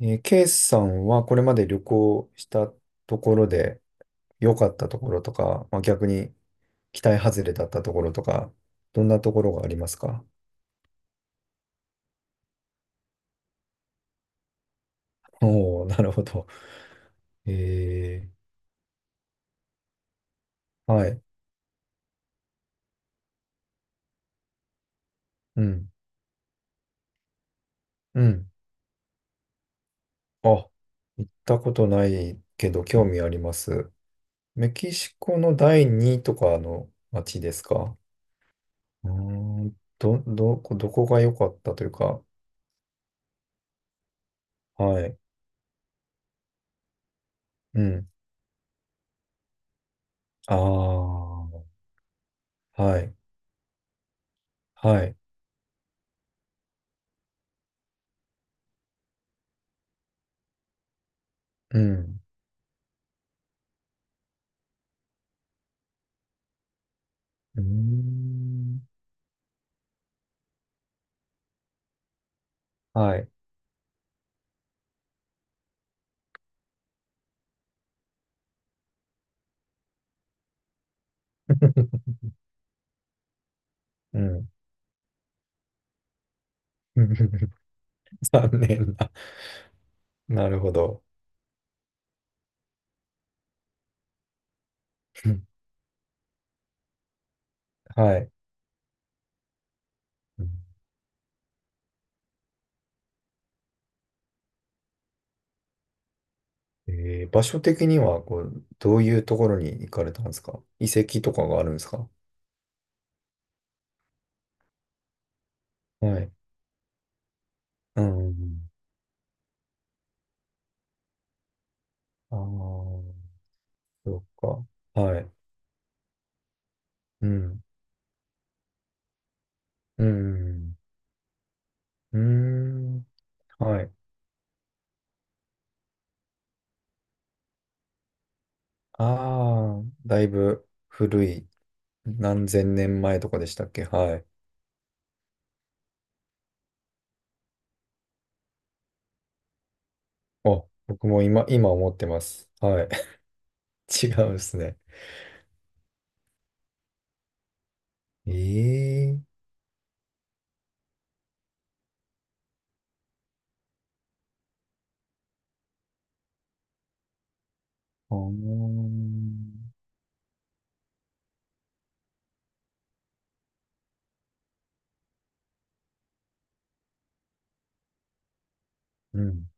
ケイスさんはこれまで旅行したところで良かったところとか、まあ、逆に期待外れだったところとか、どんなところがありますか？ おおー、なるほど。えはい。うん。うん。あ、行ったことないけど興味あります。メキシコの第二とかの街ですか？うーん。どこが良かったというか、はい。うん。ああ、はい。はい。うん。うーん。はい。うん。残念な。なるほど。うん。はい。うん。え場所的には、こう、どういうところに行かれたんですか？遺跡とかがあるんですか？はい。うん。ああ、そうか。はい。うん。うん。うーん。はい。ああ、だいぶ古い、何千年前とかでしたっけ？はい。あ、僕も今思ってます。はい。違うんですね。ええ。ああー、うん。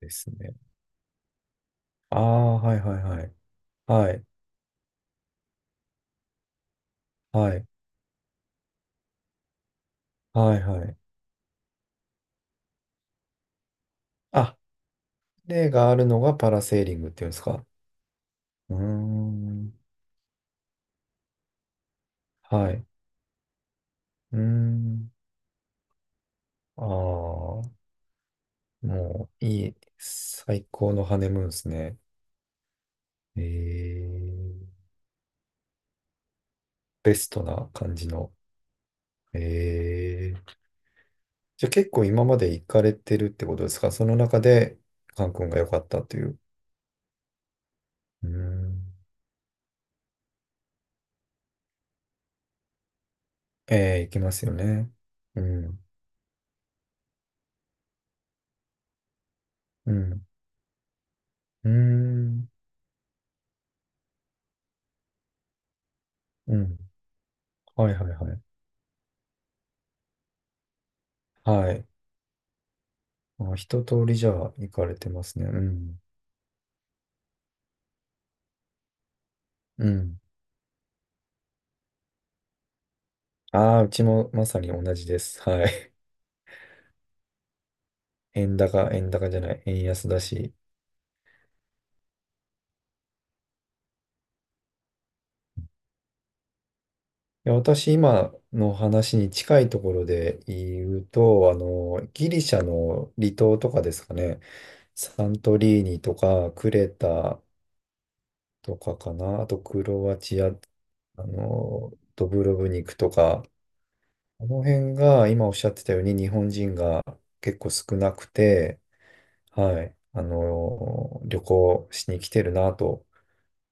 ですね。ああ、はいはいはい。はい、はい、はい、はい。あ、例があるのがパラセーリングっていうんですか？うーん、はい。うーん、ああ、もういい、最高のハネムーンですね。ええ。ベストな感じの。ええ。じゃあ結構今まで行かれてるってことですか？その中で、カン君が良かったという。うーん。ええ、いきますよね。うん。うん。うーん。うん。はいはいはい。はい。あ、一通りじゃあ行かれてますね。うん。うん。ああ、うちもまさに同じです。はい。円高、円高じゃない、円安だし。いや、私今の話に近いところで言うと、あの、ギリシャの離島とかですかね。サントリーニとか、クレタとかかな。あと、クロアチア、あの、ドブロブニクとか、この辺が今おっしゃってたように日本人が結構少なくて、はい、あの、旅行しに来てるなと、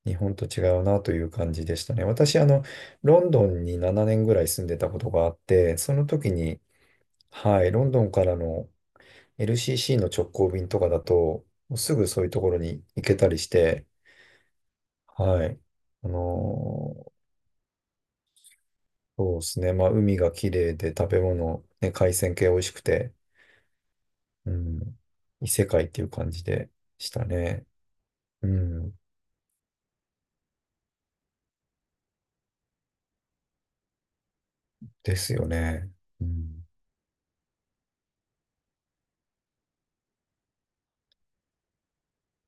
日本と違うなという感じでしたね。私、あの、ロンドンに7年ぐらい住んでたことがあって、その時に、はい、ロンドンからの LCC の直行便とかだと、もうすぐそういうところに行けたりして、はい、あの、そうですね、まあ、海が綺麗で食べ物、ね、海鮮系美味しくて、うん。異世界っていう感じでしたね。うん。ですよね。うん。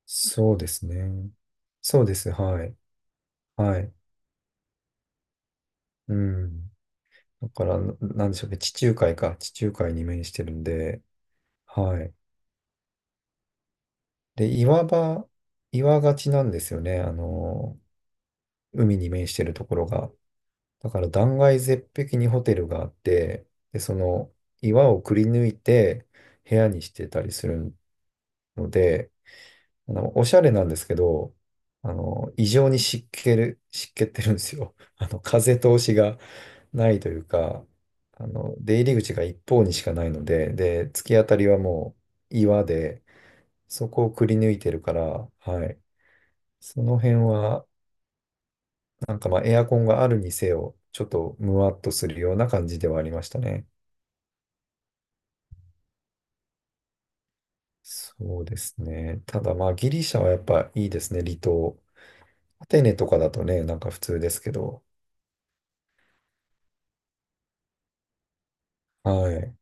そうですね。そうです。はい。はい。うん。だから、なんでしょうね。地中海か。地中海に面してるんで。はい。で、岩場、岩がちなんですよね。あの、海に面してるところが。だから、断崖絶壁にホテルがあって、で、その、岩をくり抜いて部屋にしてたりするので、あの、おしゃれなんですけど、あの、異常に湿気る、湿気ってるんですよ。あの、風通しがないというか、あの、出入り口が一方にしかないので、で、突き当たりはもう岩で、そこをくり抜いてるから、はい。その辺は、なんかまあ、エアコンがあるにせよ、ちょっとムワっとするような感じではありましたね。そうですね。ただまあ、ギリシャはやっぱいいですね、離島。アテネとかだとね、なんか普通ですけど、はい。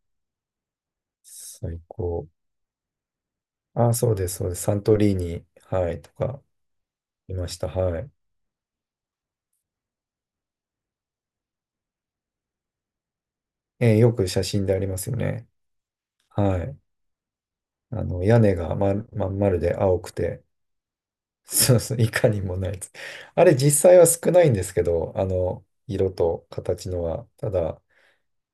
最高。あ、そうです、そうです。サントリーニ、はい、とか、いました。はい。えーよく写真でありますよね。はい。あの、屋根がまん丸で青くて、そうそう、いかにもないです。あれ、実際は少ないんですけど、あの、色と形のは。ただ、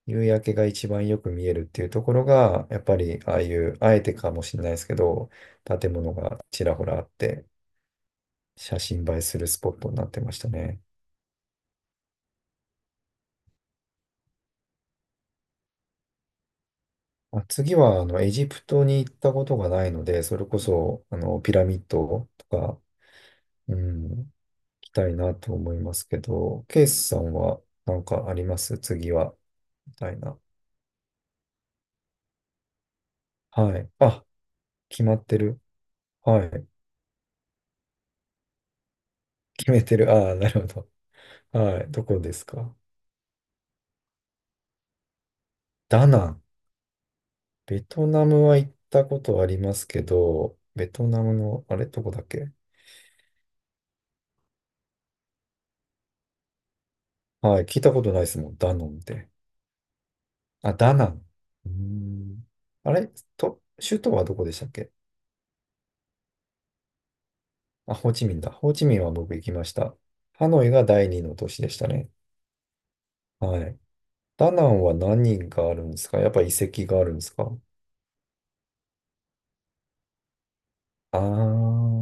夕焼けが一番よく見えるっていうところが、やっぱり、ああいう、あえてかもしれないですけど、建物がちらほらあって、写真映えするスポットになってましたね。あ、次は、あの、エジプトに行ったことがないので、それこそ、あの、ピラミッドとか、うん、行きたいなと思いますけど、ケイスさんはなんかあります次は、みたいな。はい。あ、決まってる。はい。決めてる。ああ、なるほど。はい。どこですか？ダナン。ベトナムは行ったことありますけど、ベトナムの、あれ、どこだっけ？はい。聞いたことないですもん。ダノンって。あ、ダナン。うーん。あれと、首都はどこでしたっけ？あ、ホーチミンだ。ホーチミンは僕行きました。ハノイが第二の都市でしたね。はい。ダナンは何があるんですか？やっぱ遺跡があるんですか？あー。う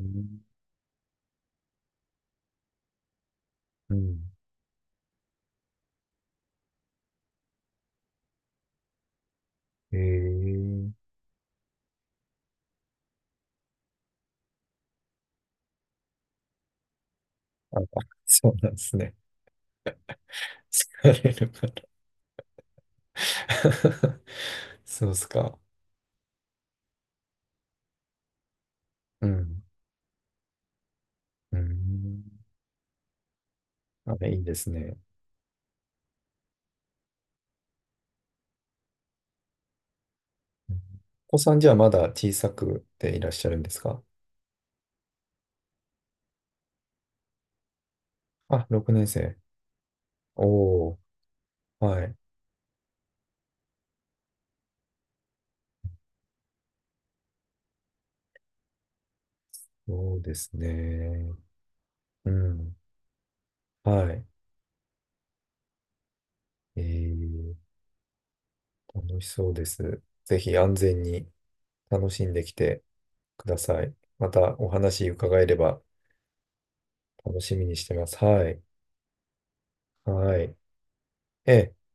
ん。うん。へえ。あ、そうなんですね。疲れるから そうっすか。うん。うん。あ、いいですね。うん。お子さんじゃあまだ小さくていらっしゃるんですか？あ、6年生。おー、はい。そうですね。うん。はい。えー、楽しそうです。ぜひ安全に楽しんできてください。またお話伺えれば楽しみにしてます。はい。はい。えー